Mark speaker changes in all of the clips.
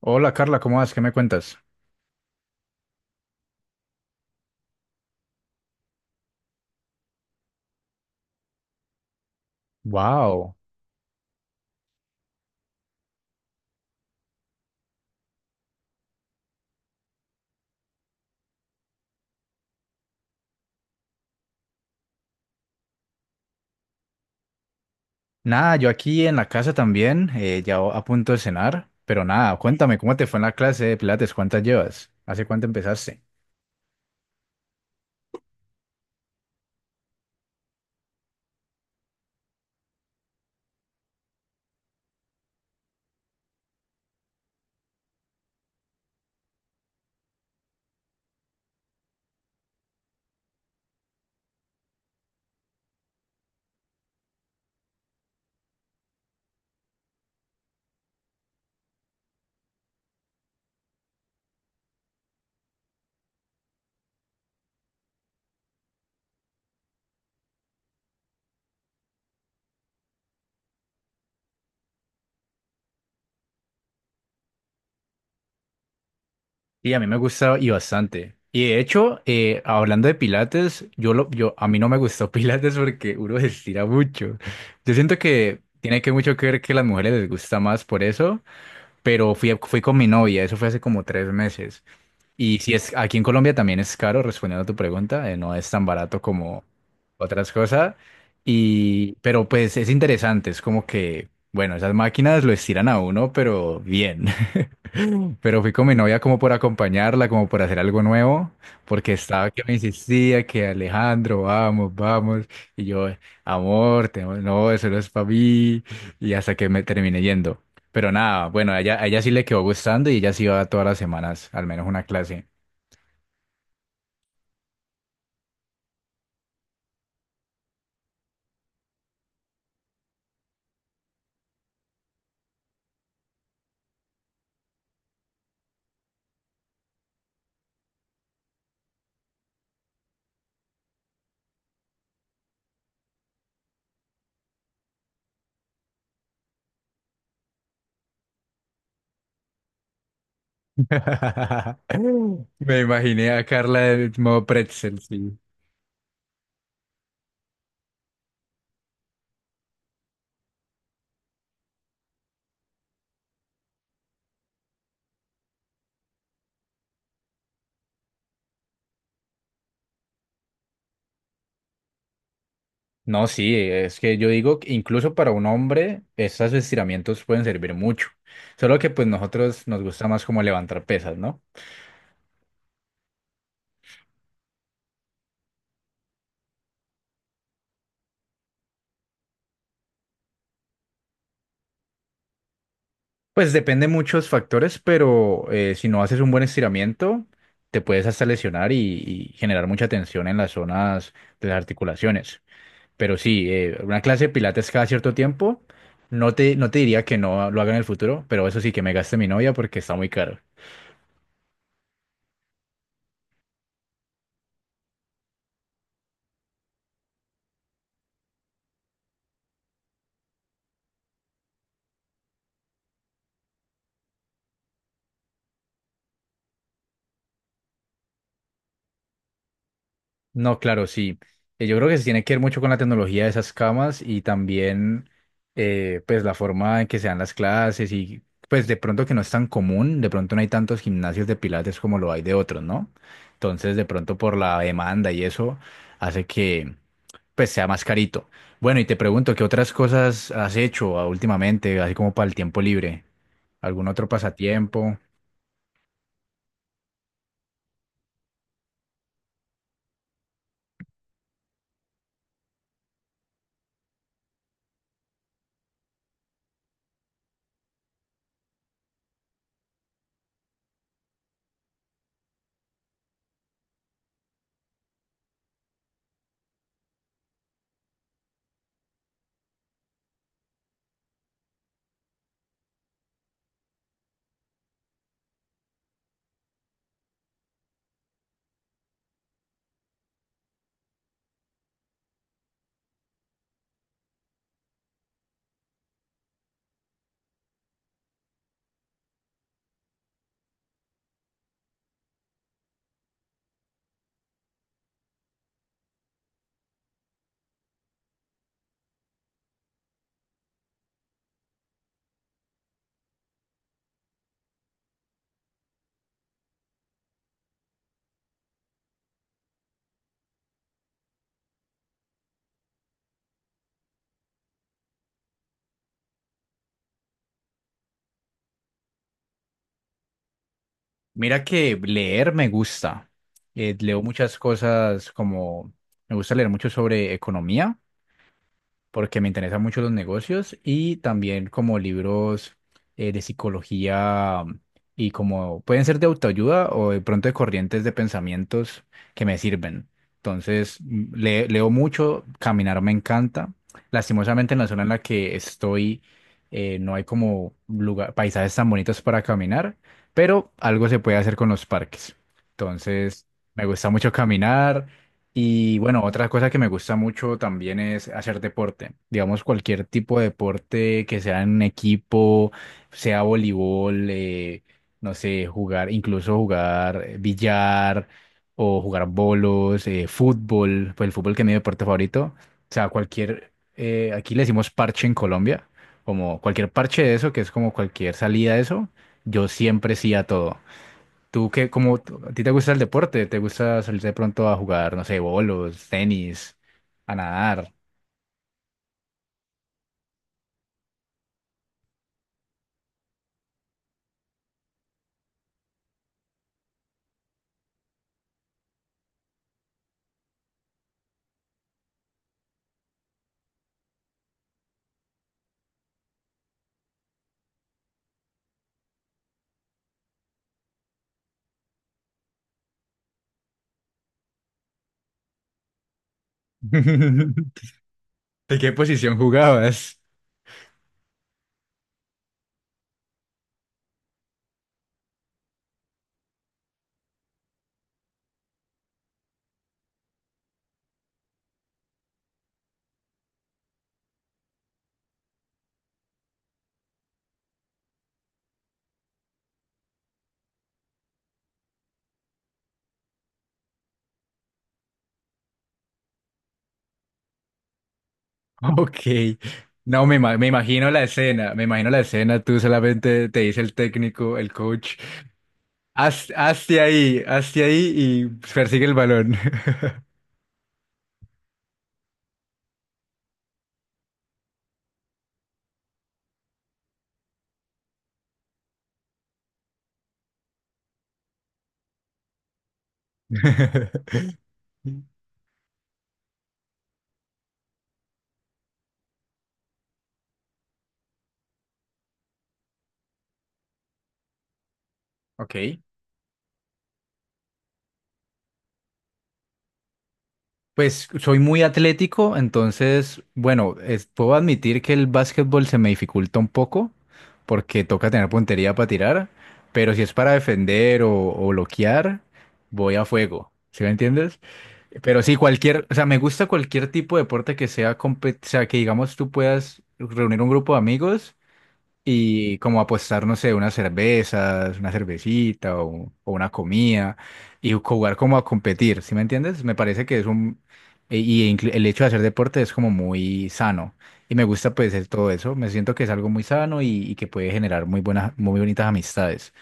Speaker 1: Hola Carla, ¿cómo vas? ¿Qué me cuentas? Wow. Nada, yo aquí en la casa también, ya a punto de cenar, pero nada, cuéntame, ¿cómo te fue en la clase de Pilates? ¿Cuántas llevas? ¿Hace cuánto empezaste? Y a mí me gustó y bastante. Y de hecho, hablando de Pilates, a mí no me gustó Pilates porque uno se estira mucho. Yo siento que tiene que mucho que ver que a las mujeres les gusta más por eso, pero fui con mi novia, eso fue hace como tres meses. Y si es aquí en Colombia también es caro, respondiendo a tu pregunta, no es tan barato como otras cosas. Y pero pues es interesante, es como que, bueno, esas máquinas lo estiran a uno, pero bien. Pero fui con mi novia como por acompañarla, como por hacer algo nuevo, porque estaba que me insistía que Alejandro, vamos, vamos. Y yo, amor, no, eso no es para mí. Y hasta que me terminé yendo. Pero nada, bueno, a ella sí le quedó gustando y ella sí iba todas las semanas, al menos una clase. Me imaginé a Carla en modo pretzel, sí. No, sí, es que yo digo que incluso para un hombre esos estiramientos pueden servir mucho. Solo que pues nosotros nos gusta más como levantar pesas, ¿no? Pues depende muchos factores, pero si no haces un buen estiramiento, te puedes hasta lesionar y generar mucha tensión en las zonas de las articulaciones. Pero sí, una clase de pilates cada cierto tiempo. No te diría que no lo haga en el futuro, pero eso sí que me gaste mi novia porque está muy caro. No, claro, sí. Yo creo que se tiene que ver mucho con la tecnología de esas camas y también pues la forma en que se dan las clases y pues de pronto que no es tan común, de pronto no hay tantos gimnasios de pilates como lo hay de otros, ¿no? Entonces de pronto por la demanda y eso hace que, pues sea más carito. Bueno, y te pregunto, ¿qué otras cosas has hecho ah, últimamente, así como para el tiempo libre? ¿Algún otro pasatiempo? Mira que leer me gusta. Leo muchas cosas como, me gusta leer mucho sobre economía, porque me interesan mucho los negocios y también como libros de psicología y como pueden ser de autoayuda o de pronto de corrientes de pensamientos que me sirven. Entonces, leo mucho, caminar me encanta. Lastimosamente en la zona en la que estoy no hay como lugar, paisajes tan bonitos para caminar, pero algo se puede hacer con los parques. Entonces, me gusta mucho caminar. Y bueno, otra cosa que me gusta mucho también es hacer deporte. Digamos, cualquier tipo de deporte que sea en un equipo, sea voleibol, no sé, jugar, incluso jugar billar o jugar bolos, fútbol, pues el fútbol que es mi deporte favorito. O sea, cualquier, aquí le decimos parche en Colombia, como cualquier parche de eso, que es como cualquier salida de eso, yo siempre sí a todo. ¿Tú qué, como, a ti te gusta el deporte? ¿Te gusta salir de pronto a jugar, no sé, bolos, tenis, a nadar? ¿De qué posición jugabas? Ok. No, me, ima- me imagino la escena, me imagino la escena, tú solamente te dice el técnico, el coach, hazte ahí y persigue el balón. Ok. Pues soy muy atlético, entonces, bueno, puedo admitir que el básquetbol se me dificulta un poco porque toca tener puntería para tirar, pero si es para defender o bloquear, voy a fuego, ¿sí me entiendes? Pero sí, cualquier, o sea, me gusta cualquier tipo de deporte que sea, o sea, que digamos tú puedas reunir un grupo de amigos y como apostar, no sé, unas cervezas, una cervecita o una comida y jugar como a competir, ¿sí me entiendes? Me parece que es un... el hecho de hacer deporte es como muy sano y me gusta pues todo eso, me siento que es algo muy sano y que puede generar muy buenas, muy bonitas amistades.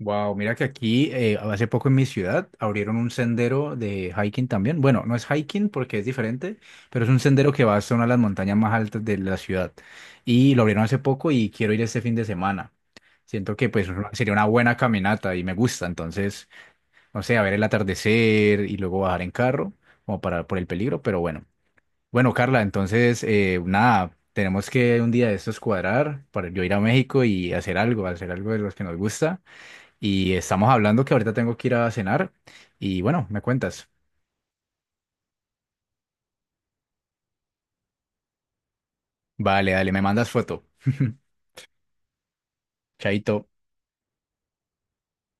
Speaker 1: Wow, mira que aquí hace poco en mi ciudad abrieron un sendero de hiking también. Bueno, no es hiking porque es diferente, pero es un sendero que va hasta una de las montañas más altas de la ciudad. Y lo abrieron hace poco y quiero ir este fin de semana. Siento que sería una buena caminata y me gusta. Entonces, no sé, a ver el atardecer y luego bajar en carro, como para por el peligro, pero bueno. Bueno, Carla, entonces, nada, tenemos que un día de estos cuadrar para yo ir a México y hacer algo de los que nos gusta. Y estamos hablando que ahorita tengo que ir a cenar. Y bueno, me cuentas. Vale, dale, me mandas foto. Chaito.